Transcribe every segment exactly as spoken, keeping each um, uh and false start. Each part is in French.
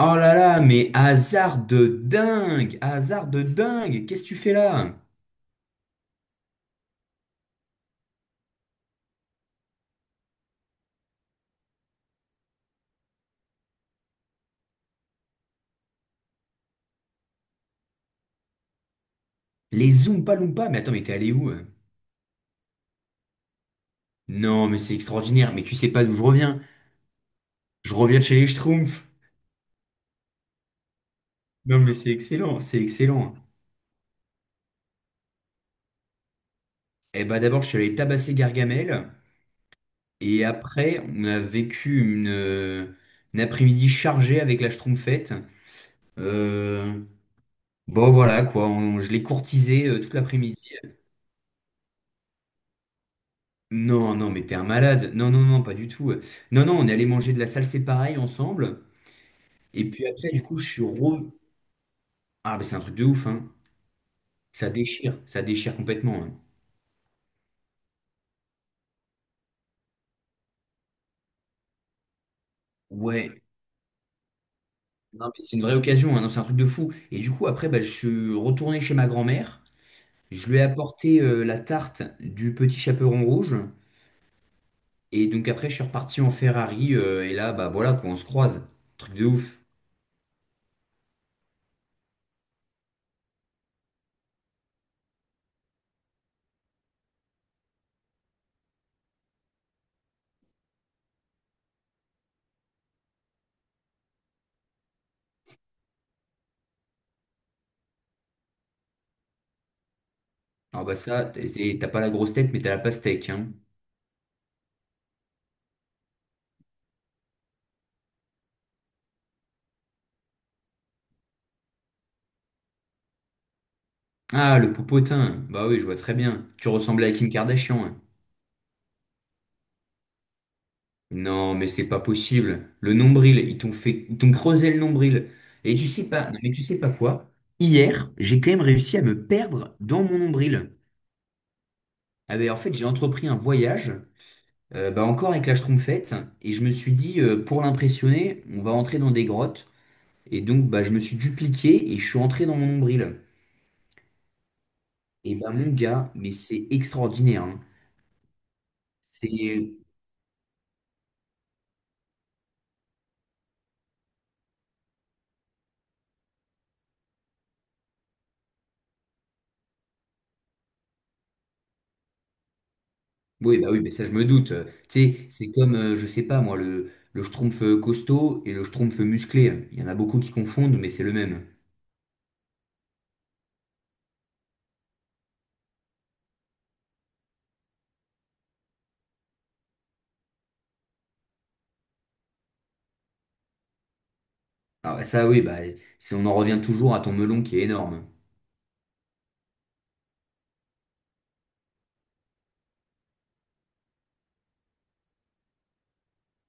Oh là là, mais hasard de dingue! Hasard de dingue! Qu'est-ce que tu fais là? Les Zoompa Loompa? Mais attends, mais t'es allé où? hein Non, mais c'est extraordinaire, mais tu sais pas d'où je reviens. Je reviens de chez les Schtroumpfs. Non, mais c'est excellent, c'est excellent. Eh ben d'abord, je suis allé tabasser Gargamel, et après, on a vécu une, euh, une après-midi chargée avec la Schtroumpfette. Euh, bon voilà quoi, on- je l'ai courtisé euh, toute l'après-midi. Non, non, mais t'es un malade. Non, non, non, pas du tout. Non, non, on est allé manger de la salsa pareil ensemble. Et puis après, du coup, je suis re... Ah, mais c'est un truc de ouf, hein. Ça déchire, ça déchire complètement. hein. Ouais. Non, mais c'est une vraie occasion, hein. Non, c'est un truc de fou. Et du coup, après, bah, je suis retourné chez ma grand-mère. Je lui ai apporté euh, la tarte du petit chaperon rouge. Et donc après, je suis reparti en Ferrari. Euh, et là, bah voilà, quoi, on se croise. Truc de ouf. Alors bah ça, t'es- t'as pas la grosse tête, mais t'as la pastèque, hein. Ah, le popotin. Bah oui, je vois très bien. Tu ressemblais à Kim Kardashian. hein. Non, mais c'est pas possible. Le nombril, ils t'ont fait, ils t'ont creusé le nombril. Et tu sais pas, non, mais tu sais pas quoi? Hier, j'ai quand même réussi à me perdre dans mon nombril. Ah ben, en fait, j'ai entrepris un voyage, euh, bah encore avec la Schtroumpfette, et je me suis dit, euh, pour l'impressionner, on va entrer dans des grottes. Et donc, bah, je me suis dupliqué et je suis entré dans mon nombril. Et bah, mon gars, mais c'est extraordinaire. hein. C'est Oui, bah oui, mais ça je me doute. Euh, Tu sais, c'est comme, euh, je sais pas moi, le, le schtroumpf euh, costaud et le schtroumpf musclé. Il y en a beaucoup qui confondent, mais c'est le même. Ah bah ça oui, bah si on en revient toujours à ton melon qui est énorme.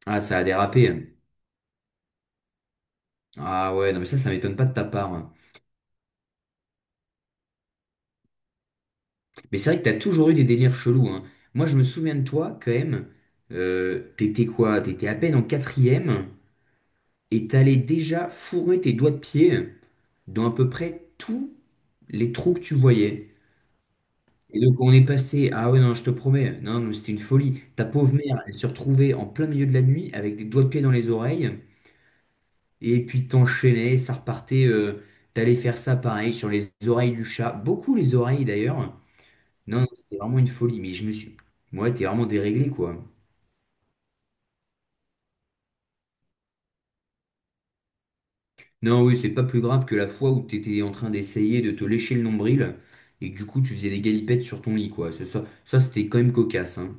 Ah, ça a dérapé. Ah ouais, non mais ça, ça m'étonne pas de ta part. hein. Mais c'est vrai que t'as toujours eu des délires chelous, hein. Moi je me souviens de toi quand même. Euh, t'étais quoi? T'étais à peine en quatrième et t'allais déjà fourrer tes doigts de pied dans à peu près tous les trous que tu voyais. Et donc on est passé, ah ouais non, je te promets, non, non, c'était une folie. Ta pauvre mère, elle se retrouvait en plein milieu de la nuit avec des doigts de pied dans les oreilles, et puis t'enchaînais, ça repartait, euh, t'allais faire ça pareil sur les oreilles du chat, beaucoup les oreilles d'ailleurs. Non, non, c'était vraiment une folie, mais je me suis, moi, t'es vraiment déréglé quoi. Non, oui, c'est pas plus grave que la fois où t'étais en train d'essayer de te lécher le nombril et que du coup tu faisais des galipettes sur ton lit quoi. Ça, ça, ça, c'était quand même cocasse, hein.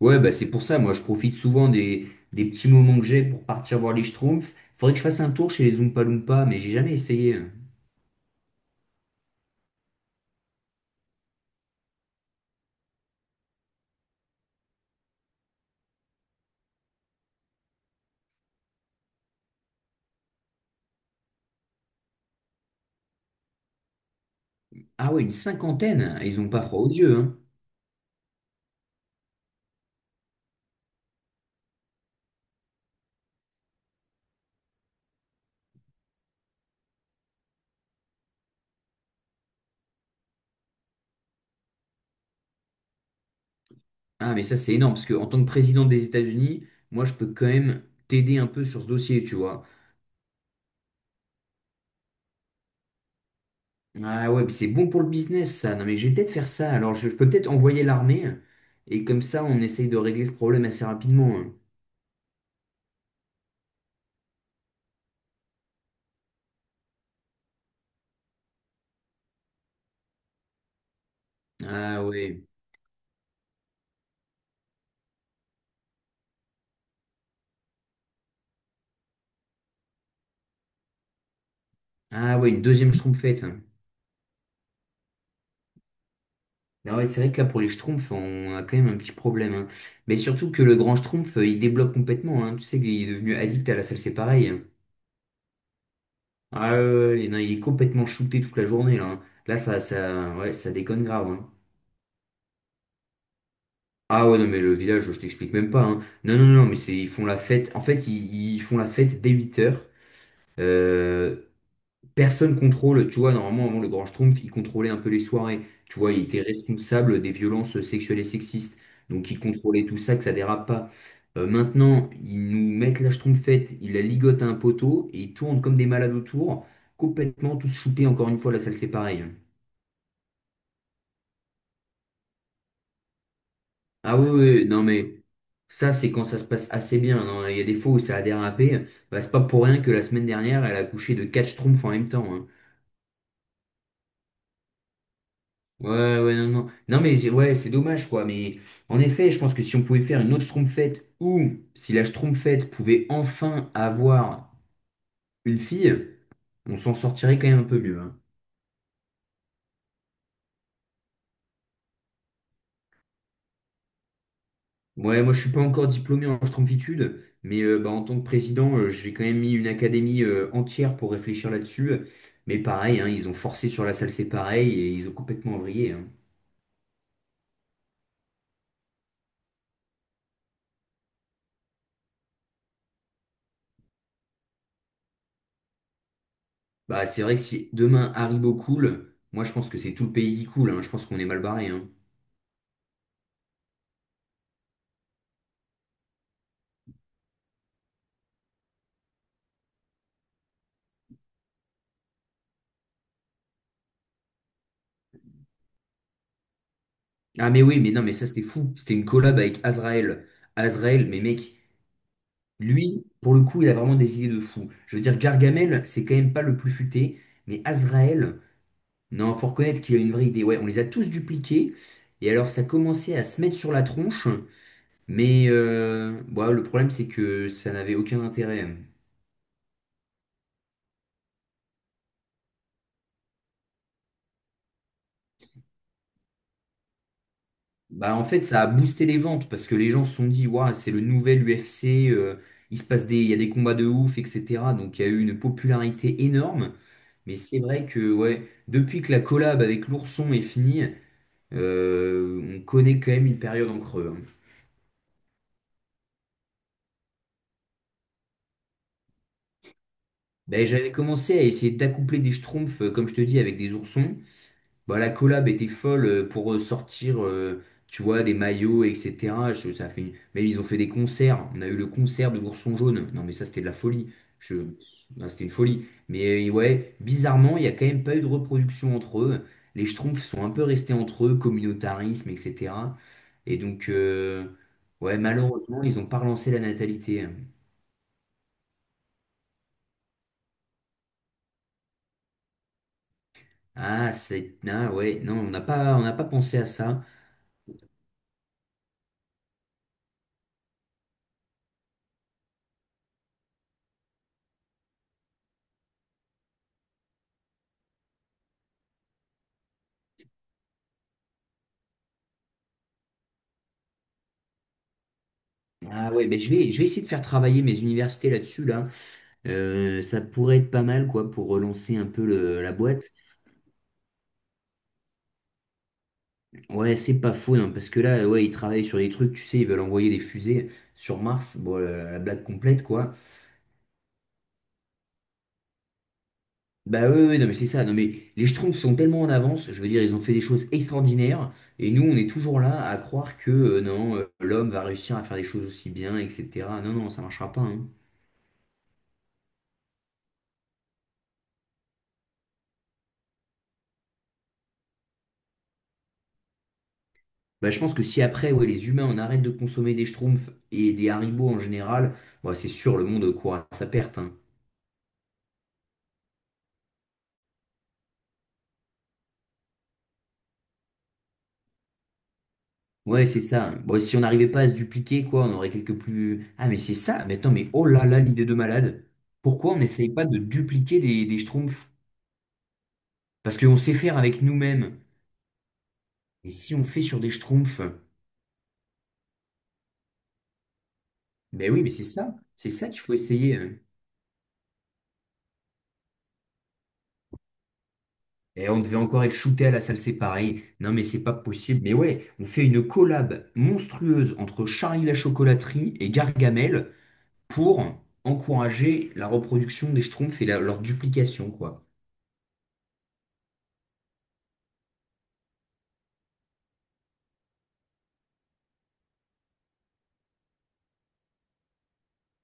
Ouais, bah c'est pour ça, moi je profite souvent des, des petits moments que j'ai pour partir voir les Schtroumpfs. Faudrait que je fasse un tour chez les Oompa Loompa, mais j'ai jamais essayé. Ah ouais, une cinquantaine, ils ont pas froid aux yeux, hein. Ah mais ça c'est énorme, parce que en tant que président des États-Unis, moi je peux quand même t'aider un peu sur ce dossier, tu vois. Ah ouais, mais c'est bon pour le business ça, non mais je vais peut-être faire ça, alors je, je peux peut-être envoyer l'armée, et comme ça on essaye de régler ce problème assez rapidement. hein. Ah ouais, ah ouais, une deuxième Schtroumpfette. hein. Ah ouais, c'est vrai que là, pour les Schtroumpfs, on a quand même un petit problème. hein. Mais surtout que le grand Schtroumpf, euh, il débloque complètement. hein. Tu sais qu'il est devenu addict à la salle, c'est pareil. hein. Ah ouais, ouais, ouais, ouais. non, il est complètement shooté toute la journée, là. hein. Là, ça, ça, ouais, ça déconne grave. hein. Ah ouais, non, mais le village, je t'explique même pas. hein. Non, non, non, mais c'est, ils font la fête. En fait, ils, ils font la fête dès huit heures euh, Personne contrôle, tu vois, normalement, avant le Grand Schtroumpf, il contrôlait un peu les soirées. Tu vois, il était responsable des violences sexuelles et sexistes. Donc, il contrôlait tout ça, que ça dérape pas. Euh, maintenant, ils nous mettent la Schtroumpfette, ils la ligotent à un poteau et ils tournent comme des malades autour, complètement tous shootés. Encore une fois, la salle, c'est pareil. Ah oui, oui, non, mais ça, c'est quand ça se passe assez bien. Non, il y a des fois où ça a dérapé. Bah, c'est pas pour rien que la semaine dernière, elle a couché de quatre Schtroumpfs en même temps. hein. Ouais, ouais, non, non. Non, mais j'ai- ouais, c'est dommage, quoi. Mais en effet, je pense que si on pouvait faire une autre Schtroumpfette ou si la Schtroumpfette pouvait enfin avoir une fille, on s'en sortirait quand même un peu mieux. hein. Ouais, moi, je suis pas encore diplômé en Schtroumpfitude, mais euh, bah, en tant que président, euh, j'ai quand même mis une académie euh, entière pour réfléchir là-dessus. Mais pareil, hein, ils ont forcé sur la salle, c'est pareil, et ils ont complètement vrillé. hein. Bah, c'est vrai que si demain Haribo coule, moi, je pense que c'est tout le pays qui coule. hein. Je pense qu'on est mal barré. hein. Ah mais oui, mais non, mais ça c'était fou. C'était une collab avec Azrael. Azrael, mais mec, lui, pour le coup, il a vraiment des idées de fou. Je veux dire, Gargamel, c'est quand même pas le plus futé, mais Azrael, non, faut reconnaître qu'il a une vraie idée. Ouais, on les a tous dupliqués, et alors ça commençait à se mettre sur la tronche, mais euh, bah, le problème c'est que ça n'avait aucun intérêt. Bah en fait, ça a boosté les ventes, parce que les gens se sont dit, waouh, c'est le nouvel U F C, euh, il se passe des, il y a des combats de ouf, et cetera. Donc il y a eu une popularité énorme. Mais c'est vrai que ouais, depuis que la collab avec l'ourson est finie, euh, on connaît quand même une période en creux. hein. Ben, j'avais commencé à essayer d'accoupler des schtroumpfs, euh, comme je te dis, avec des oursons. Bah, la collab était folle euh, pour euh, sortir, euh, tu vois, des maillots, et cetera. Je- ça fait... une- Même ils ont fait des concerts. On a eu le concert de l'Ourson Jaune. Non, mais ça, c'était de la folie. Je... Bah, c'était une folie. Mais euh, ouais, bizarrement, il n'y a quand même pas eu de reproduction entre eux. Les Schtroumpfs sont un peu restés entre eux, communautarisme, et cetera. Et donc, euh, ouais, malheureusement, ils n'ont pas relancé la natalité. Ah, c'est... Ah, ouais, non, on n'a pas, on n'a pas pensé à ça. Ah ouais, mais je vais, je vais essayer de faire travailler mes universités là-dessus, là. Euh, ça pourrait être pas mal quoi pour relancer un peu le- la boîte. Ouais, c'est pas faux hein, parce que là, euh, ouais, ils travaillent sur des trucs, tu sais, ils veulent envoyer des fusées sur Mars. Bon, euh, la, blague complète quoi. Bah ouais, ouais, non mais c'est ça. Non mais les Schtroumpfs sont tellement en avance. Je veux dire, ils ont fait des choses extraordinaires et nous, on est toujours là à croire que euh, non, euh, l'homme va réussir à faire des choses aussi bien, et cetera. Non non, ça marchera pas. hein. Bah, je pense que si après, ouais, les humains, on arrête de consommer des Schtroumpfs et des Haribo en général, ouais, c'est sûr, le monde court à sa perte. hein. Ouais, c'est ça. Bon, si on n'arrivait pas à se dupliquer, quoi, on aurait quelques plus. Ah, mais c'est ça. Mais attends, mais oh là là, l'idée de malade. Pourquoi on n'essaye pas de dupliquer des, des schtroumpfs? Parce qu'on sait faire avec nous-mêmes. Et si on fait sur des schtroumpfs, ben oui, mais c'est ça. C'est ça qu'il faut essayer. hein. Et on devait encore être shooté à la salle séparée. Non, mais c'est pas possible. Mais ouais, on fait une collab monstrueuse entre Charlie la chocolaterie et Gargamel pour encourager la reproduction des schtroumpfs et la- leur duplication, quoi.